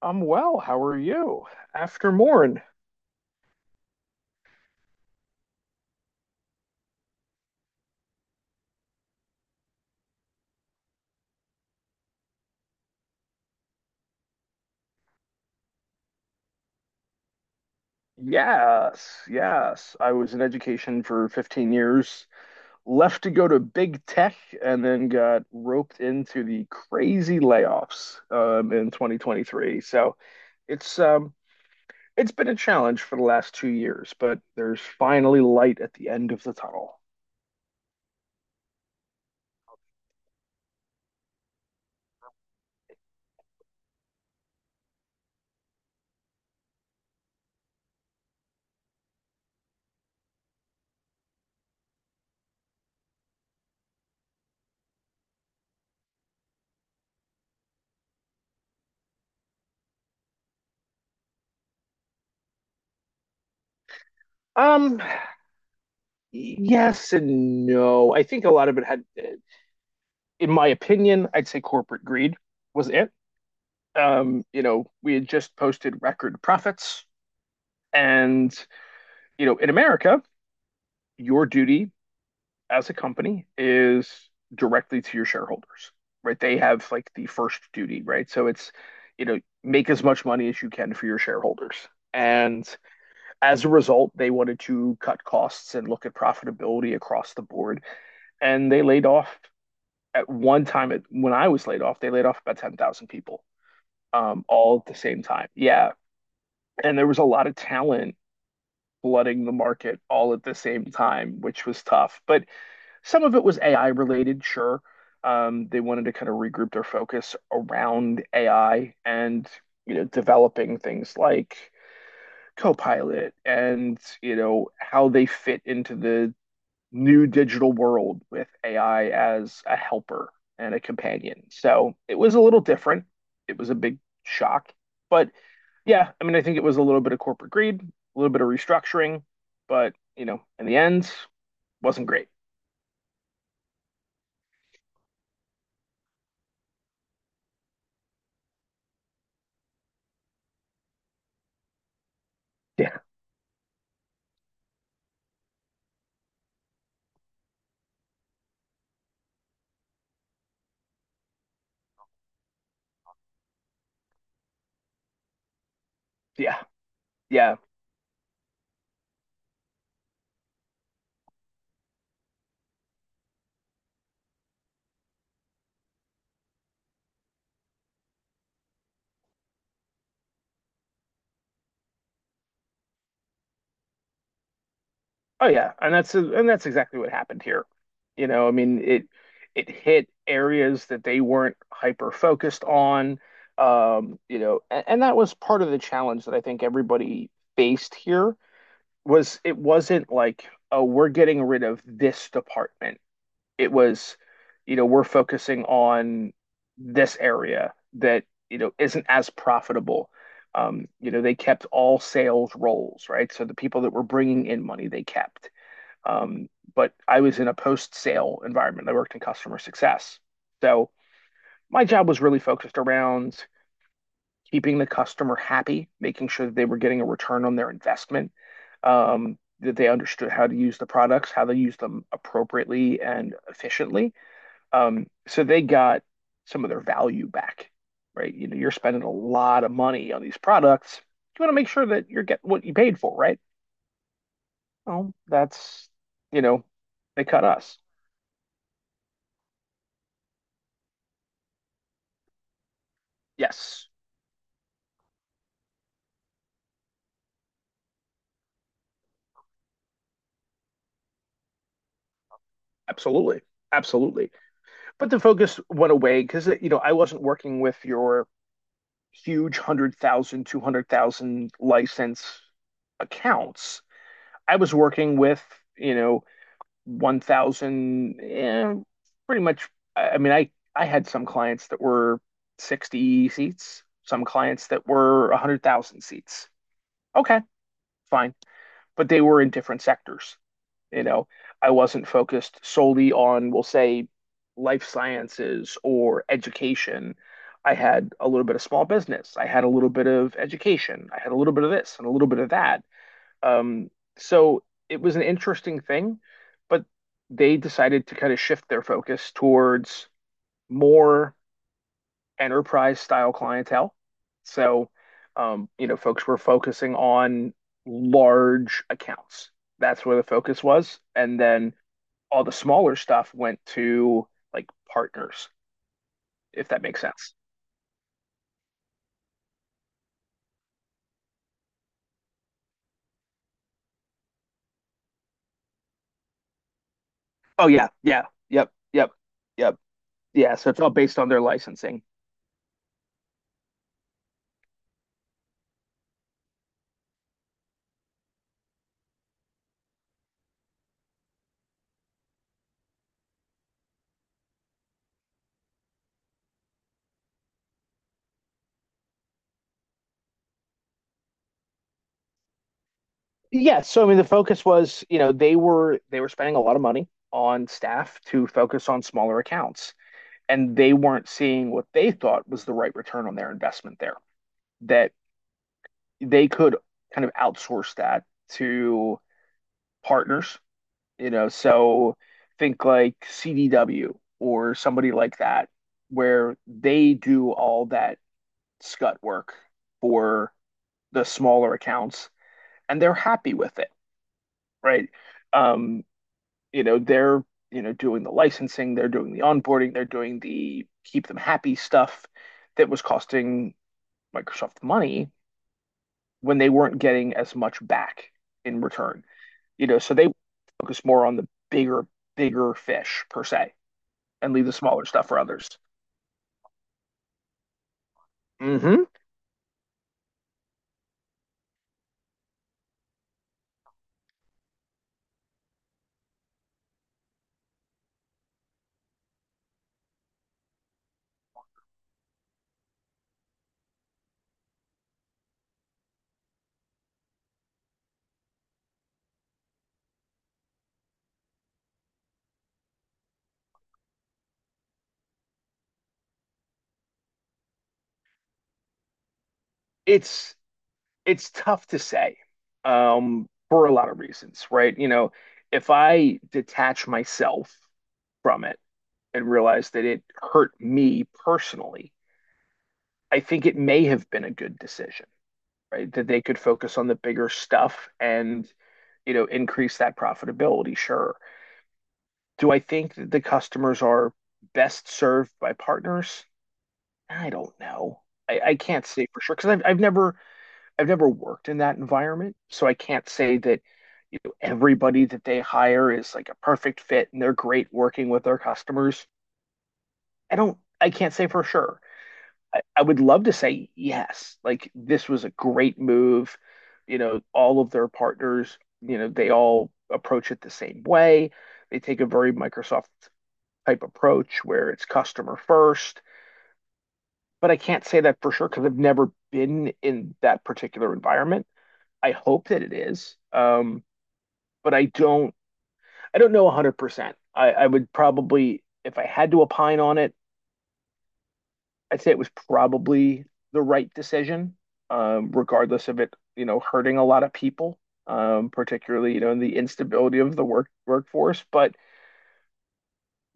I'm well. How are you? After Morn. Yes, yes. I was in education for 15 years, left to go to big tech, and then got roped into the crazy layoffs in 2023. So it's it's been a challenge for the last 2 years, but there's finally light at the end of the tunnel. Um, yes and no. I think a lot of it had, in my opinion, I'd say corporate greed was it. We had just posted record profits, and you know, in America, your duty as a company is directly to your shareholders, right? They have like the first duty, right? So it's, you know, make as much money as you can for your shareholders. And as a result, they wanted to cut costs and look at profitability across the board. And they laid off at one time, at, when I was laid off, they laid off about 10,000 people all at the same time. Yeah. And there was a lot of talent flooding the market all at the same time, which was tough. But some of it was AI related, sure. They wanted to kind of regroup their focus around AI and, you know, developing things like Copilot and, you know, how they fit into the new digital world with AI as a helper and a companion. So it was a little different. It was a big shock. But yeah, I mean, I think it was a little bit of corporate greed, a little bit of restructuring, but, you know, in the end, wasn't great. Yeah, yeah, yeah. Oh yeah, and that's exactly what happened here. You know, I mean it hit areas that they weren't hyper focused on. You know, and that was part of the challenge that I think everybody faced here was it wasn't like, oh, we're getting rid of this department. It was, you know, we're focusing on this area that, you know, isn't as profitable. You know, they kept all sales roles, right? So the people that were bringing in money, they kept, um, but I was in a post-sale environment. I worked in customer success. So my job was really focused around keeping the customer happy, making sure that they were getting a return on their investment, that they understood how to use the products, how they use them appropriately and efficiently. So they got some of their value back, right? You know, you're spending a lot of money on these products. You want to make sure that you're getting what you paid for, right? Well, you know, they cut us. Yes. Absolutely. Absolutely. But the focus went away because, you know, I wasn't working with your huge 100,000, 200,000 license accounts. I was working with, you know, 1,000, eh, pretty much. I mean, I had some clients that were 60 seats, some clients that were 100,000 seats. Okay, fine. But they were in different sectors. You know, I wasn't focused solely on, we'll say, life sciences or education. I had a little bit of small business. I had a little bit of education. I had a little bit of this and a little bit of that. Um, so it was an interesting thing, but they decided to kind of shift their focus towards more enterprise style clientele. So, you know, folks were focusing on large accounts. That's where the focus was. And then all the smaller stuff went to like partners, if that makes sense. Oh yeah, yeah, yep, yep, yep. Yeah, so it's all based on their licensing. Yeah. So I mean, the focus was, you know, they were spending a lot of money on staff to focus on smaller accounts, and they weren't seeing what they thought was the right return on their investment there. That they could kind of outsource that to partners, you know, so think like CDW or somebody like that, where they do all that scut work for the smaller accounts and they're happy with it, right? Um, you know, they're, you know, doing the licensing, they're doing the onboarding, they're doing the keep them happy stuff that was costing Microsoft money when they weren't getting as much back in return. You know, so they focus more on the bigger, bigger fish per se and leave the smaller stuff for others. Mm-hmm. It's it's tough to say, for a lot of reasons, right? You know, if I detach myself from it and realize that it hurt me personally, I think it may have been a good decision, right? That they could focus on the bigger stuff and you know increase that profitability. Sure. Do I think that the customers are best served by partners? I don't know. I can't say for sure because I've never worked in that environment, so I can't say that you know everybody that they hire is like a perfect fit and they're great working with their customers. I can't say for sure. I would love to say yes, like this was a great move. You know, all of their partners, you know, they all approach it the same way. They take a very Microsoft type approach where it's customer first, but I can't say that for sure because I've never been in that particular environment. I hope that it is. But I don't know 100%. I would probably, if I had to opine on it, I'd say it was probably the right decision, regardless of it, you know, hurting a lot of people, particularly, you know, in the instability of the workforce. But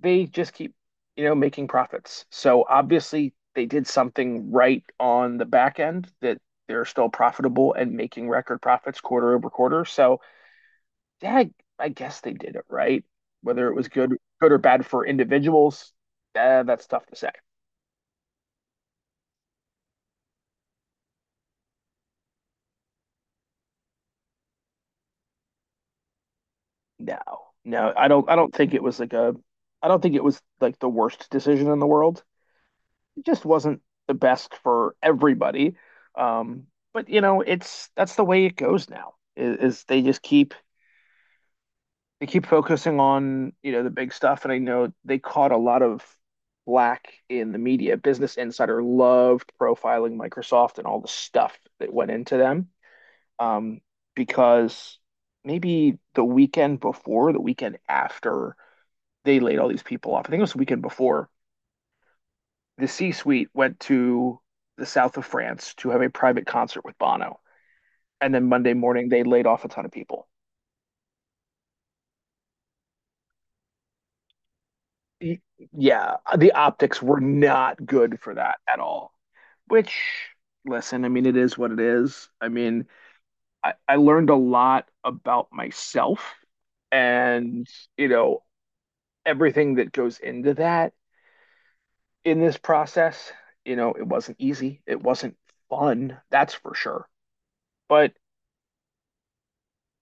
they just keep, you know, making profits. So obviously they did something right on the back end that they're still profitable and making record profits quarter over quarter. So yeah, I guess they did it right. Whether it was good, good or bad for individuals, eh, that's tough to say. No, no, I don't. I don't think it was like a. I don't think it was like the worst decision in the world. It just wasn't the best for everybody. Um, but you know, it's that's the way it goes now. Is they just keep they keep focusing on, you know, the big stuff. And I know they caught a lot of black in the media. Business Insider loved profiling Microsoft and all the stuff that went into them. Um, because maybe the weekend before, the weekend after they laid all these people off, I think it was the weekend before, the C-suite went to the south of France to have a private concert with Bono. And then Monday morning, they laid off a ton of people. Yeah, the optics were not good for that at all. Which, listen, I mean, it is what it is. I mean, I learned a lot about myself and, you know, everything that goes into that in this process. You know, it wasn't easy. It wasn't fun, that's for sure. But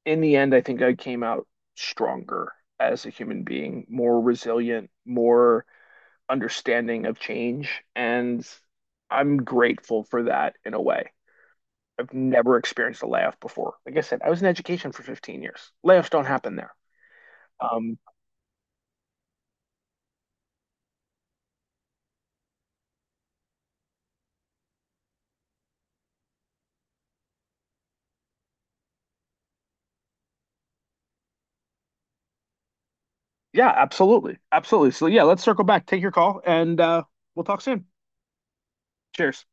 in the end, I think I came out stronger as a human being, more resilient, more understanding of change. And I'm grateful for that in a way. I've never experienced a layoff before. Like I said, I was in education for 15 years. Layoffs don't happen there. Um, yeah, absolutely. Absolutely. So, yeah, let's circle back. Take your call and we'll talk soon. Cheers.